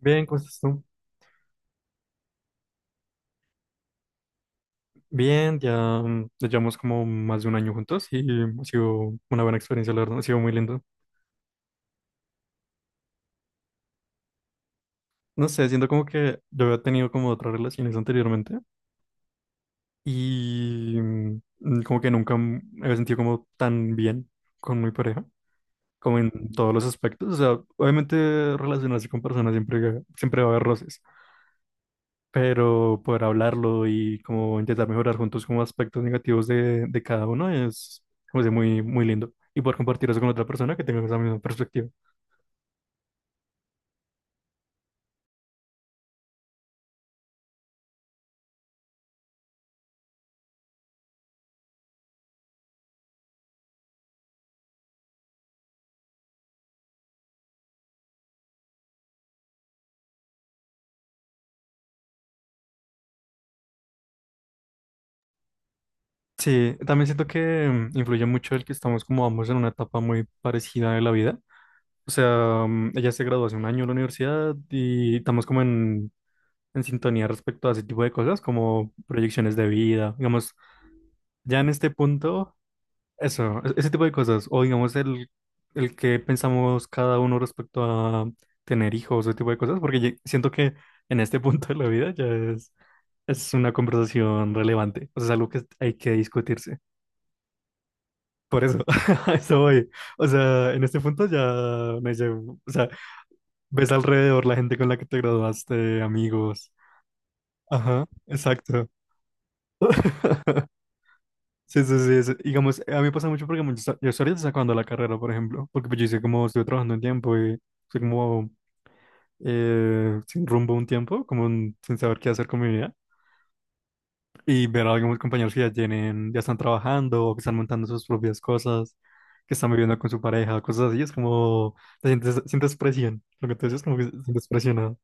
Bien, ¿cómo estás tú? Bien, ya, ya llevamos como más de un año juntos y ha sido una buena experiencia, la verdad, ha sido muy lindo. No sé, siento como que yo había tenido como otras relaciones anteriormente y como que nunca me había sentido como tan bien con mi pareja, como en todos los aspectos. O sea, obviamente relacionarse con personas siempre, siempre va a haber roces. Pero poder hablarlo y como intentar mejorar juntos como aspectos negativos de cada uno es como sea, muy, muy lindo. Y poder compartir eso con otra persona que tenga esa misma perspectiva. Sí, también siento que influye mucho el que estamos como ambos en una etapa muy parecida de la vida. O sea, ella se graduó hace un año de la universidad y estamos como en sintonía respecto a ese tipo de cosas, como proyecciones de vida. Digamos, ya en este punto eso, ese tipo de cosas. O digamos el que pensamos cada uno respecto a tener hijos, ese tipo de cosas, porque siento que en este punto de la vida ya es una conversación relevante. O sea, es algo que hay que discutirse. Por eso, a eso voy. O sea, en este punto ya o sea, ves alrededor la gente con la que te graduaste, amigos. Ajá, exacto. Sí, sí, sí, sí. Digamos, a mí me pasa mucho porque como yo estoy ahorita sacando la carrera, por ejemplo, porque pues yo hice como, estuve trabajando un tiempo y estoy como sin rumbo un tiempo, como sin saber qué hacer con mi vida. Y ver a algunos compañeros que ya tienen, ya están trabajando o que están montando sus propias cosas, que están viviendo con su pareja, cosas así, es como, te sientes, sientes presión, lo que te dices es como que te sientes presionado.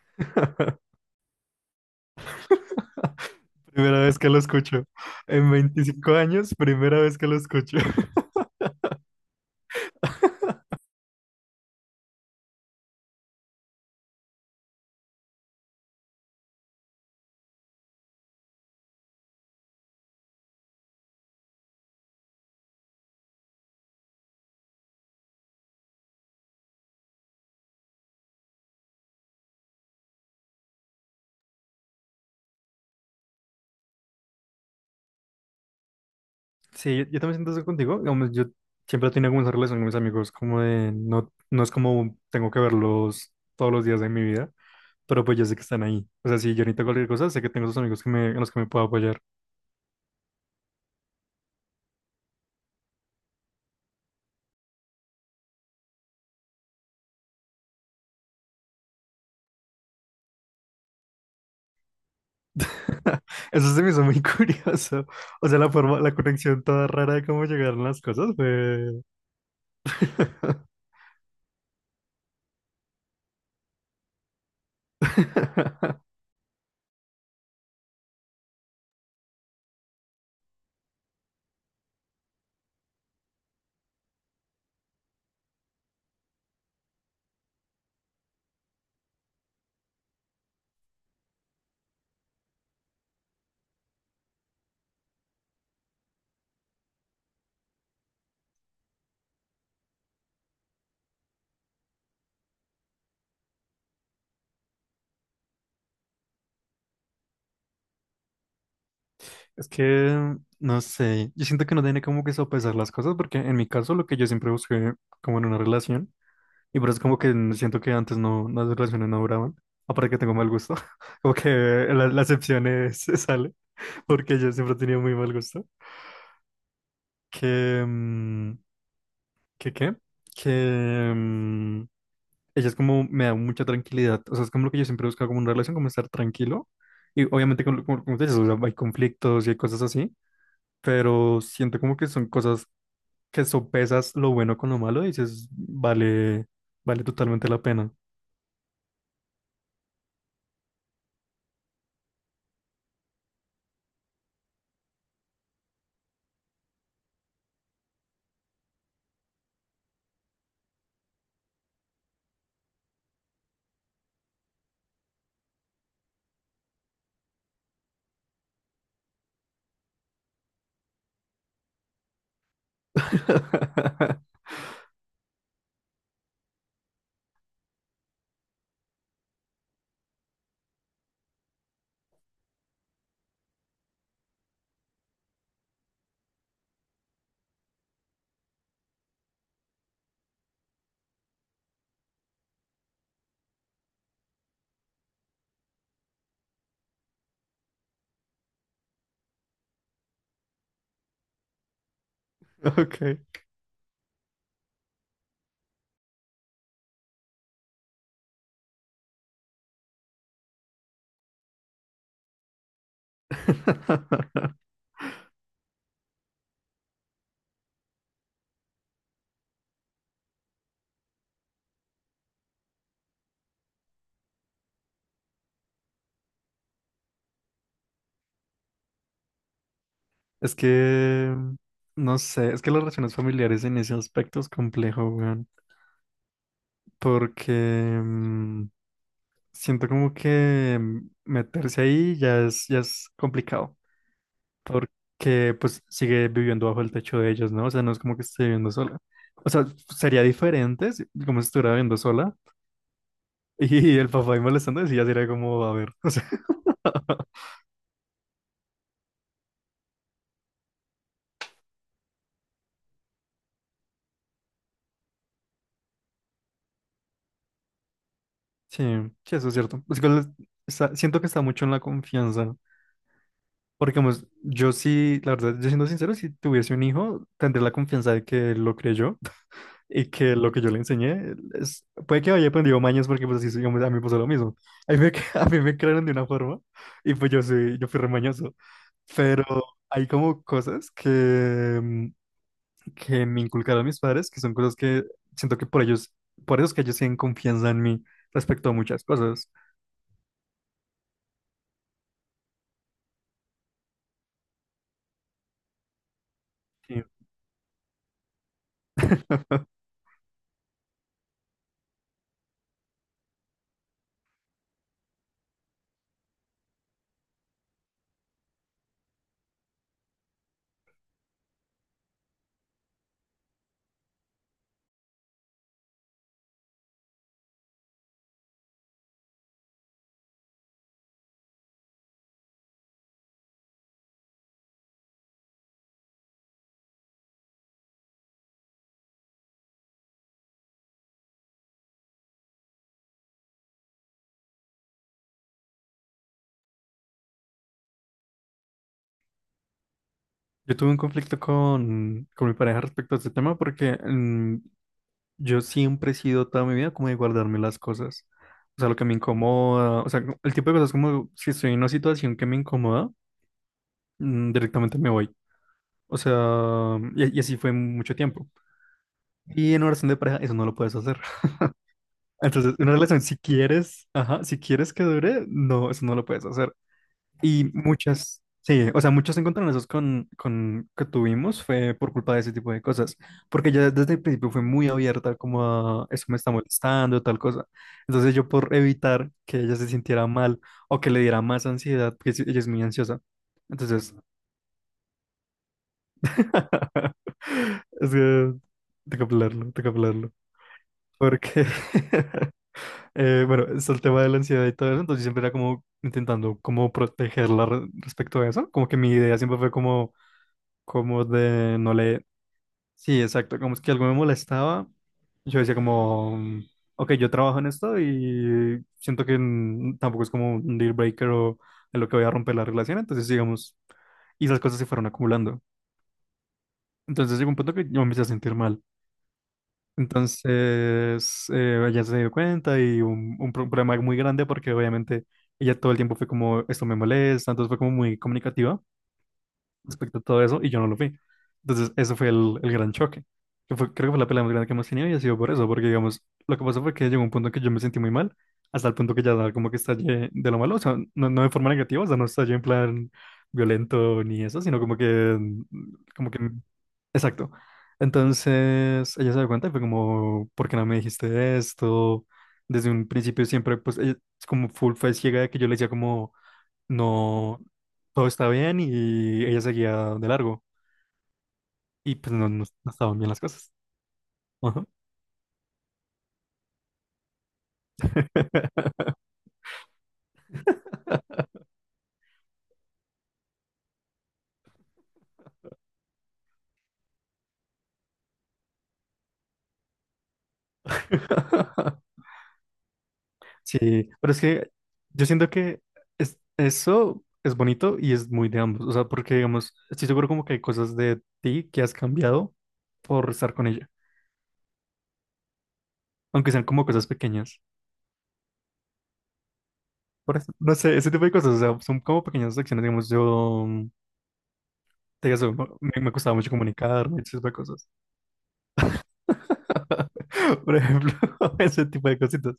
Primera vez que lo escucho. En 25 años, primera vez que lo escucho. Sí, yo también siento eso contigo. Digamos, yo siempre he tenido como esa relación con mis amigos, como de no es como tengo que verlos todos los días de mi vida, pero pues yo sé que están ahí. O sea, si yo necesito cualquier cosa, sé que tengo esos amigos en los que me puedo apoyar. Eso se me hizo muy curioso. O sea, la forma, la conexión toda rara de cómo llegaron las cosas fue. Es que no sé. Yo siento que no tiene como que sopesar las cosas, porque en mi caso, lo que yo siempre busqué como en una relación. Y por eso como que siento que antes no, las relaciones no duraban. Aparte que tengo mal gusto. Como que la excepción es, sale. Porque yo siempre he tenido muy mal gusto. Que... mm, ¿Que qué? Que... mm, ella es como, me da mucha tranquilidad. O sea, es como lo que yo siempre he buscado como una relación, como estar tranquilo. Y obviamente, como te dices, o sea, hay conflictos y hay cosas así. Pero siento como que son cosas que sopesas lo bueno con lo malo y dices, vale, vale totalmente la pena. Ok. Es que, no sé, es que las relaciones familiares en ese aspecto es complejo, weón. Porque mm, siento como que meterse ahí ya es complicado. Porque pues sigue viviendo bajo el techo de ellos, ¿no? O sea, no es como que esté viviendo sola. O sea, sería diferente como si estuviera viviendo sola. Y el papá ahí molestando, sí ya sería como, a ver, o sea. Sí, sí, eso es cierto. Es que siento que está mucho en la confianza. Porque, pues, yo sí, la verdad, yo siendo sincero, si tuviese un hijo, tendría la confianza de que él lo creyó y que lo que yo le enseñé es, puede que haya aprendido mañas porque, pues, así, digamos, a mí me pasó lo mismo. A mí me crearon de una forma y, pues, yo sí, yo fui remañoso. Pero hay como cosas que me inculcaron mis padres, que son cosas que siento que por ellos, por eso es que ellos tienen confianza en mí respecto a muchas cosas. Sí. Yo tuve un conflicto con mi pareja respecto a este tema porque yo siempre he sido toda mi vida como de guardarme las cosas. O sea, lo que me incomoda, o sea, el tipo de cosas como si estoy en una situación que me incomoda, directamente me voy. O sea, y así fue mucho tiempo. Y en una relación de pareja eso no lo puedes hacer. Entonces, una relación si quieres, ajá, si quieres que dure, no, eso no lo puedes hacer. Y sí, o sea, muchos encontronazos que tuvimos fue por culpa de ese tipo de cosas, porque ella desde el principio fue muy abierta como a eso me está molestando, tal cosa. Entonces yo por evitar que ella se sintiera mal o que le diera más ansiedad, porque sí, ella es muy ansiosa. Entonces, es que tengo que hablarlo, tengo que hablarlo. Porque, bueno, es el tema de la ansiedad y todo eso, entonces siempre era como intentando como protegerla respecto a eso, como que mi idea siempre fue como de no le. Sí, exacto, como es que algo me molestaba. Yo decía como, ok, yo trabajo en esto y siento que tampoco es como un deal breaker o en lo que voy a romper la relación, entonces digamos, y esas cosas se fueron acumulando. Entonces llegó un punto que yo me empecé a sentir mal. Entonces ella se dio cuenta y un problema muy grande porque obviamente ella todo el tiempo fue como, esto me molesta, entonces fue como muy comunicativa, respecto a todo eso y yo no lo vi. Entonces, eso fue el gran choque. Que creo que fue la pelea más grande que hemos tenido y ha sido por eso, porque digamos, lo que pasó fue que llegó un punto en que yo me sentí muy mal, hasta el punto que ya como que estallé de lo malo, o sea, no, no de forma negativa, o sea, no estallé en plan violento ni eso, sino como que, exacto. Entonces, ella se dio cuenta y fue como, ¿por qué no me dijiste esto? Desde un principio siempre, pues, ella es como full fue ciega de que yo le decía como no, todo estaba bien y ella seguía de largo y pues no, no estaban bien las cosas. Ajá. Sí, pero es que yo siento que eso es bonito y es muy de ambos, o sea, porque digamos, estoy seguro como que hay cosas de ti que has cambiado por estar con ella, aunque sean como cosas pequeñas. Por eso, no sé, ese tipo de cosas, o sea, son como pequeñas acciones, digamos, yo, te digo, eso, me costaba mucho comunicarme, ese tipo de cosas. Por ejemplo, ese tipo de cositas.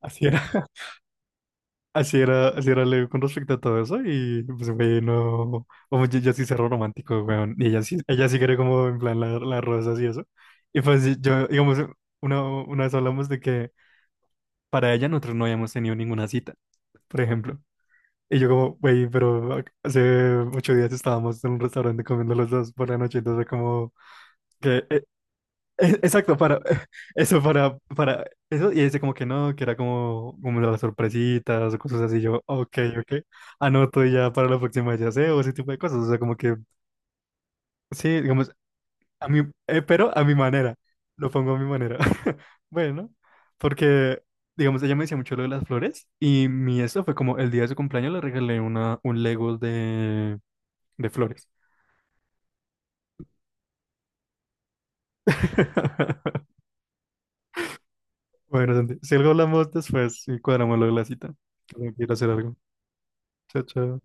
Así era, así era Leo con respecto a todo eso. Y pues, güey, no. Vamos, yo sí cerro romántico, weón. Y ella sí quiere, como, en plan, las rosas y eso. Y pues, sí, yo, digamos, una vez hablamos de que para ella nosotros no habíamos tenido ninguna cita, por ejemplo. Y yo, como, güey, pero hace 8 días estábamos en un restaurante comiendo los dos por la noche. Entonces, como, que Exacto, para eso, para eso, y dice como que no, que era como, como las sorpresitas o cosas así, yo, ok, ok, anoto ya para la próxima ya sé, o ese tipo de cosas, o sea, como que, sí, digamos, a mí, pero a mi manera, lo pongo a mi manera, bueno, porque, digamos, ella me decía mucho lo de las flores, y mi eso fue como el día de su cumpleaños le regalé un Lego de, flores. Bueno, Santi, si algo hablamos después y cuadramos lo de la cita, que tengo que ir a hacer algo. Chao, chao.